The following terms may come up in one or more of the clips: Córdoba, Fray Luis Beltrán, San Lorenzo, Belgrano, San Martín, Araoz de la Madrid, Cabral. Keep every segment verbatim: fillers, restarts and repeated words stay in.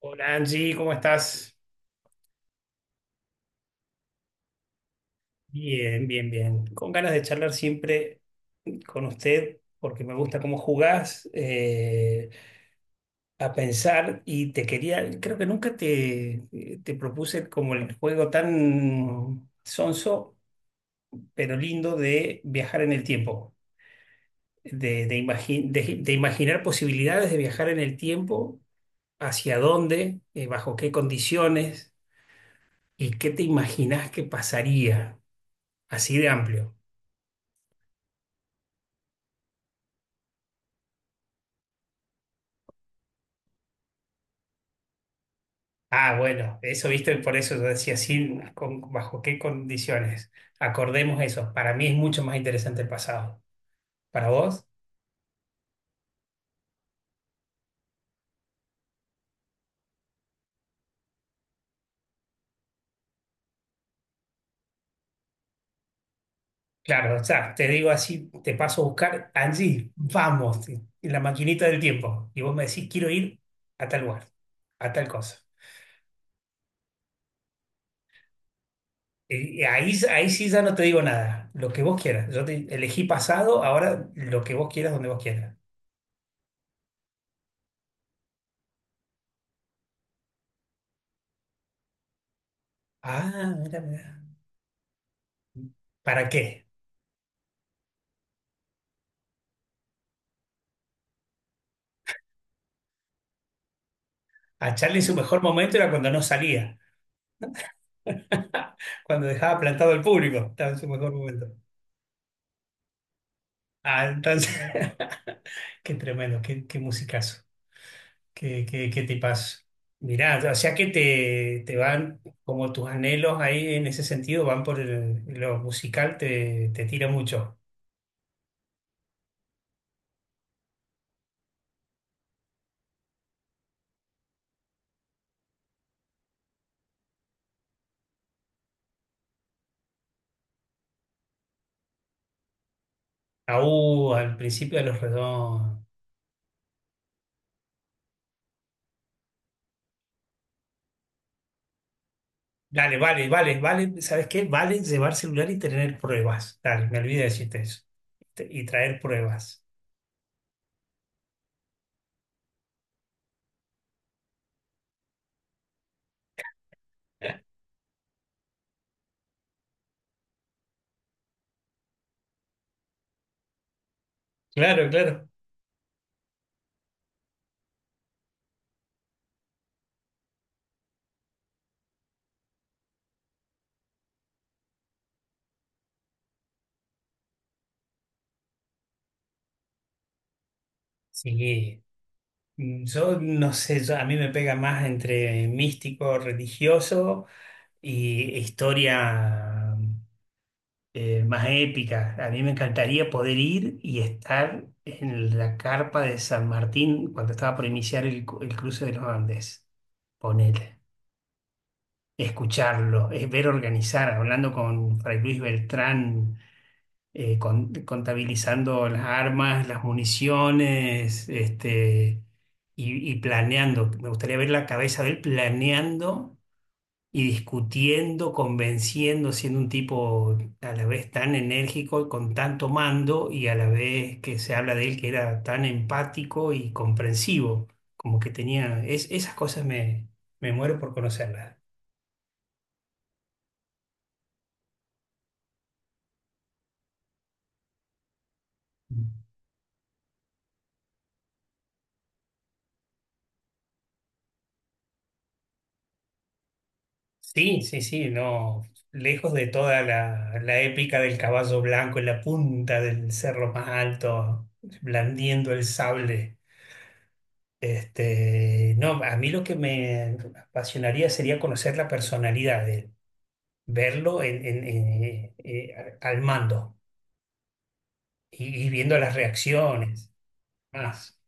Hola Angie, ¿cómo estás? Bien, bien, bien. Con ganas de charlar siempre con usted porque me gusta cómo jugás eh, a pensar y te quería, creo que nunca te, te propuse como el juego tan sonso, pero lindo de viajar en el tiempo, de, de, imagi- de- de imaginar posibilidades de viajar en el tiempo, hacia dónde, eh, bajo qué condiciones y qué te imaginás que pasaría, así de amplio. Ah, bueno, eso viste, por eso yo decía, sí, con- bajo qué condiciones. Acordemos eso. Para mí es mucho más interesante el pasado. ¿Para vos? Claro, o sea, te digo así, te paso a buscar, Angie, vamos, en la maquinita del tiempo. Y vos me decís, quiero ir a tal lugar, a tal cosa. Y y ahí, ahí sí ya no te digo nada, lo que vos quieras. Yo te elegí pasado, ahora lo que vos quieras, donde vos quieras. Ah, mira, mira. ¿Para qué? A Charlie su mejor momento era cuando no salía. Cuando dejaba plantado al público, estaba en su mejor momento. Ah, entonces, qué tremendo, qué, qué musicazo, qué, qué, qué tipazo. Mirá, o sea que te, te van, como tus anhelos ahí en ese sentido, van por el- lo musical, te, te tira mucho. Aú, al principio de los redondos. Dale, vale, vale, vale, ¿sabes qué? Vale llevar celular y tener pruebas. Dale, me olvidé de decirte eso. Te- Y traer pruebas. Claro, claro. Sí, mm, yo no sé, yo- a mí me pega más entre místico, religioso y historia eh, más épica. A mí me encantaría poder ir y estar en la carpa de San Martín cuando estaba por iniciar el, cu- el cruce de los Andes. Ponele. Escucharlo, eh, ver organizar, hablando con Fray Luis Beltrán eh, con- contabilizando las armas, las municiones, este, y, y planeando. Me gustaría ver la cabeza de él planeando y discutiendo, convenciendo, siendo un tipo a la vez tan enérgico, con tanto mando, y a la vez que se habla de él que era tan empático y comprensivo, como que tenía, es- esas cosas me, me muero por conocerlas. Sí, sí, sí, no. Lejos de toda la, la épica del caballo blanco en la punta del cerro más alto, blandiendo el sable. Este, no, a mí lo que me apasionaría sería conocer la personalidad de él, verlo en, en- en- eh, eh, al mando y, y viendo las reacciones. Más.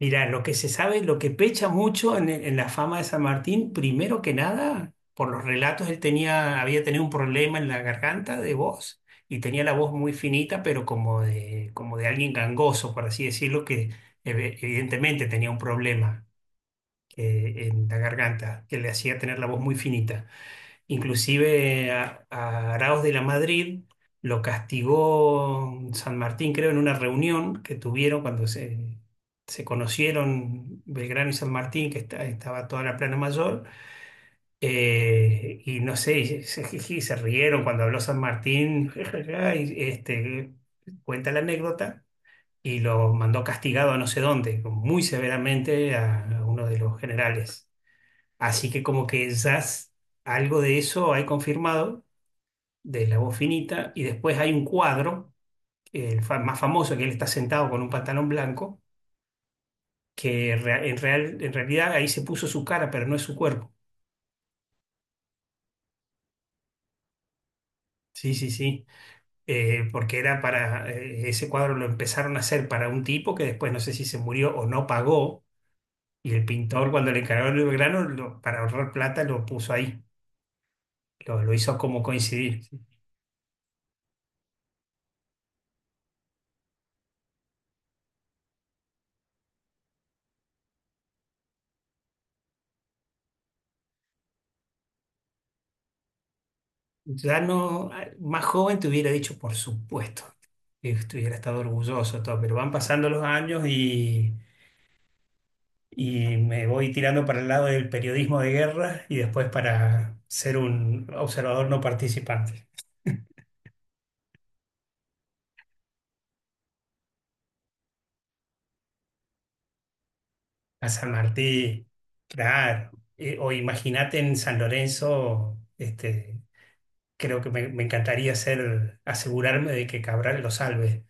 Mirá, lo que se sabe, lo que pecha mucho en, en la fama de San Martín, primero que nada, por los relatos, él tenía, había tenido un problema en la garganta de voz y tenía la voz muy finita, pero como de, como de alguien gangoso, por así decirlo, que ev- evidentemente tenía un problema eh, en la garganta que le hacía tener la voz muy finita. Inclusive a, a Araoz de la Madrid lo castigó San Martín, creo, en una reunión que tuvieron cuando se, se conocieron Belgrano y San Martín, que esta- estaba toda la Plana Mayor, eh, y no sé, y se, jiji, se rieron cuando habló San Martín, y este, cuenta la anécdota, y lo mandó castigado a no sé dónde, muy severamente a, a uno de los generales. Así que como que ya s- algo de eso hay confirmado de la voz finita, y después hay un cuadro, el fa- más famoso, que él está sentado con un pantalón blanco, que rea- en, real- en realidad ahí se puso su cara, pero no es su cuerpo. Sí, sí, sí, eh, porque era para, eh, ese cuadro lo empezaron a hacer para un tipo que después no sé si se murió o no pagó, y el pintor cuando le encargaron el grano, lo- para ahorrar plata, lo puso ahí, lo, lo hizo como coincidir. Ya no, más joven te hubiera dicho, por supuesto, que estuviera estado orgulloso, todo, pero van pasando los años y, y me voy tirando para el lado del periodismo de guerra y después para ser un observador no participante. A San Martín, claro. Eh, o imagínate en San Lorenzo, este, creo que me, me encantaría ser, asegurarme de que Cabral lo salve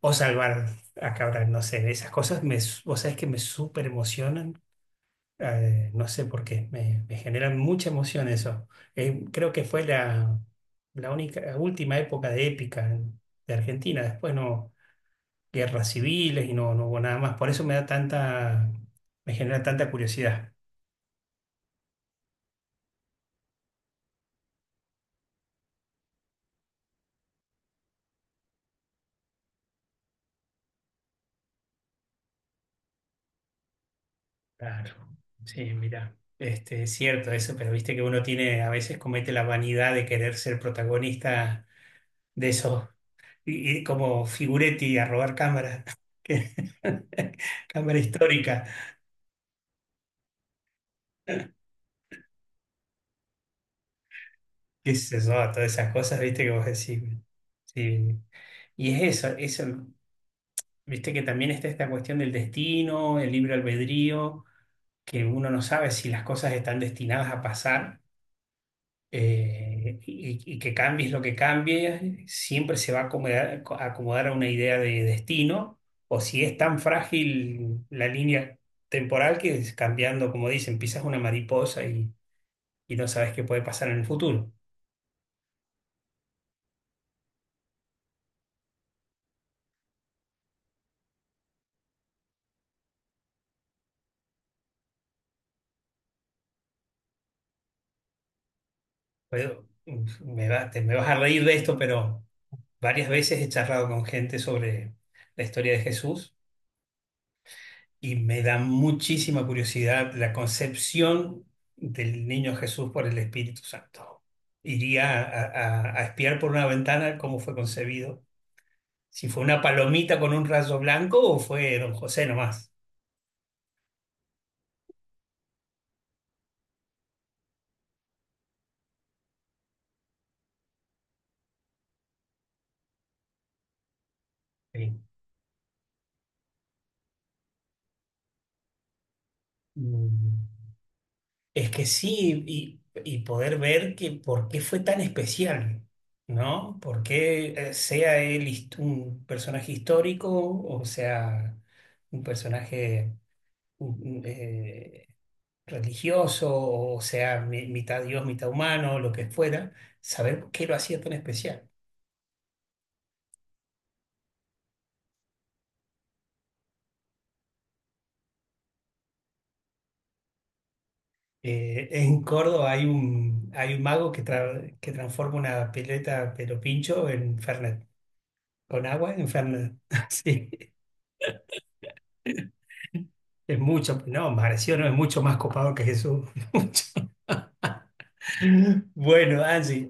o salvar a Cabral, no sé, esas cosas me, s- vos sabés que me súper emocionan eh, no sé por qué, me, me generan mucha emoción eso. Eh, creo que fue la, la única, la última época de épica en- de Argentina. Después no, guerras civiles y no, no hubo nada más. Por eso me da tanta, me genera tanta curiosidad. Claro, sí, mira, este, es cierto eso, pero viste que uno tiene, a veces comete la vanidad de querer ser protagonista de esos, y- ir como figuretti a robar cámaras que- cámara histórica. Qué sé yo, todas esas cosas, viste, que vos decís. Sí. Y es eso, eso, viste que también está esta cuestión del destino, el libre albedrío, que uno no sabe si las cosas están destinadas a pasar eh, y, y que cambies lo que cambie, siempre se va a acomodar, a acomodar a una idea de destino, o si es tan frágil la línea temporal que es cambiando, como dicen, pisas una mariposa y, y no sabes qué puede pasar en el futuro. Pero, mm, me va- te me vas a reír de esto, pero varias veces he charlado con gente sobre la historia de Jesús y me da muchísima curiosidad la concepción del niño Jesús por el Espíritu Santo. Iría a, a- a espiar por una ventana cómo fue concebido, si fue una palomita con un rayo blanco o fue don José nomás. Sí. Mm. Es que sí, y, y poder ver que por qué fue tan especial, ¿no? Por qué eh, sea él hist- un personaje histórico o sea un personaje mm, eh, religioso o sea mi- mitad Dios, mitad humano, lo que fuera, saber por qué lo hacía tan especial. Eh, en Córdoba hay un, hay un mago que, tra- que transforma una pileta pero pincho en Fernet, con agua en Fernet. Sí. Es mucho, no, Magressio no es mucho más copado que Jesús. Mucho. Bueno, Angie,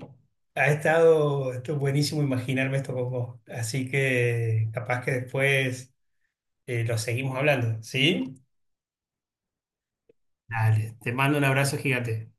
ha estado, esto es buenísimo imaginarme esto con vos. Así que capaz que después eh, lo seguimos hablando, ¿sí? Dale, te mando un abrazo gigante.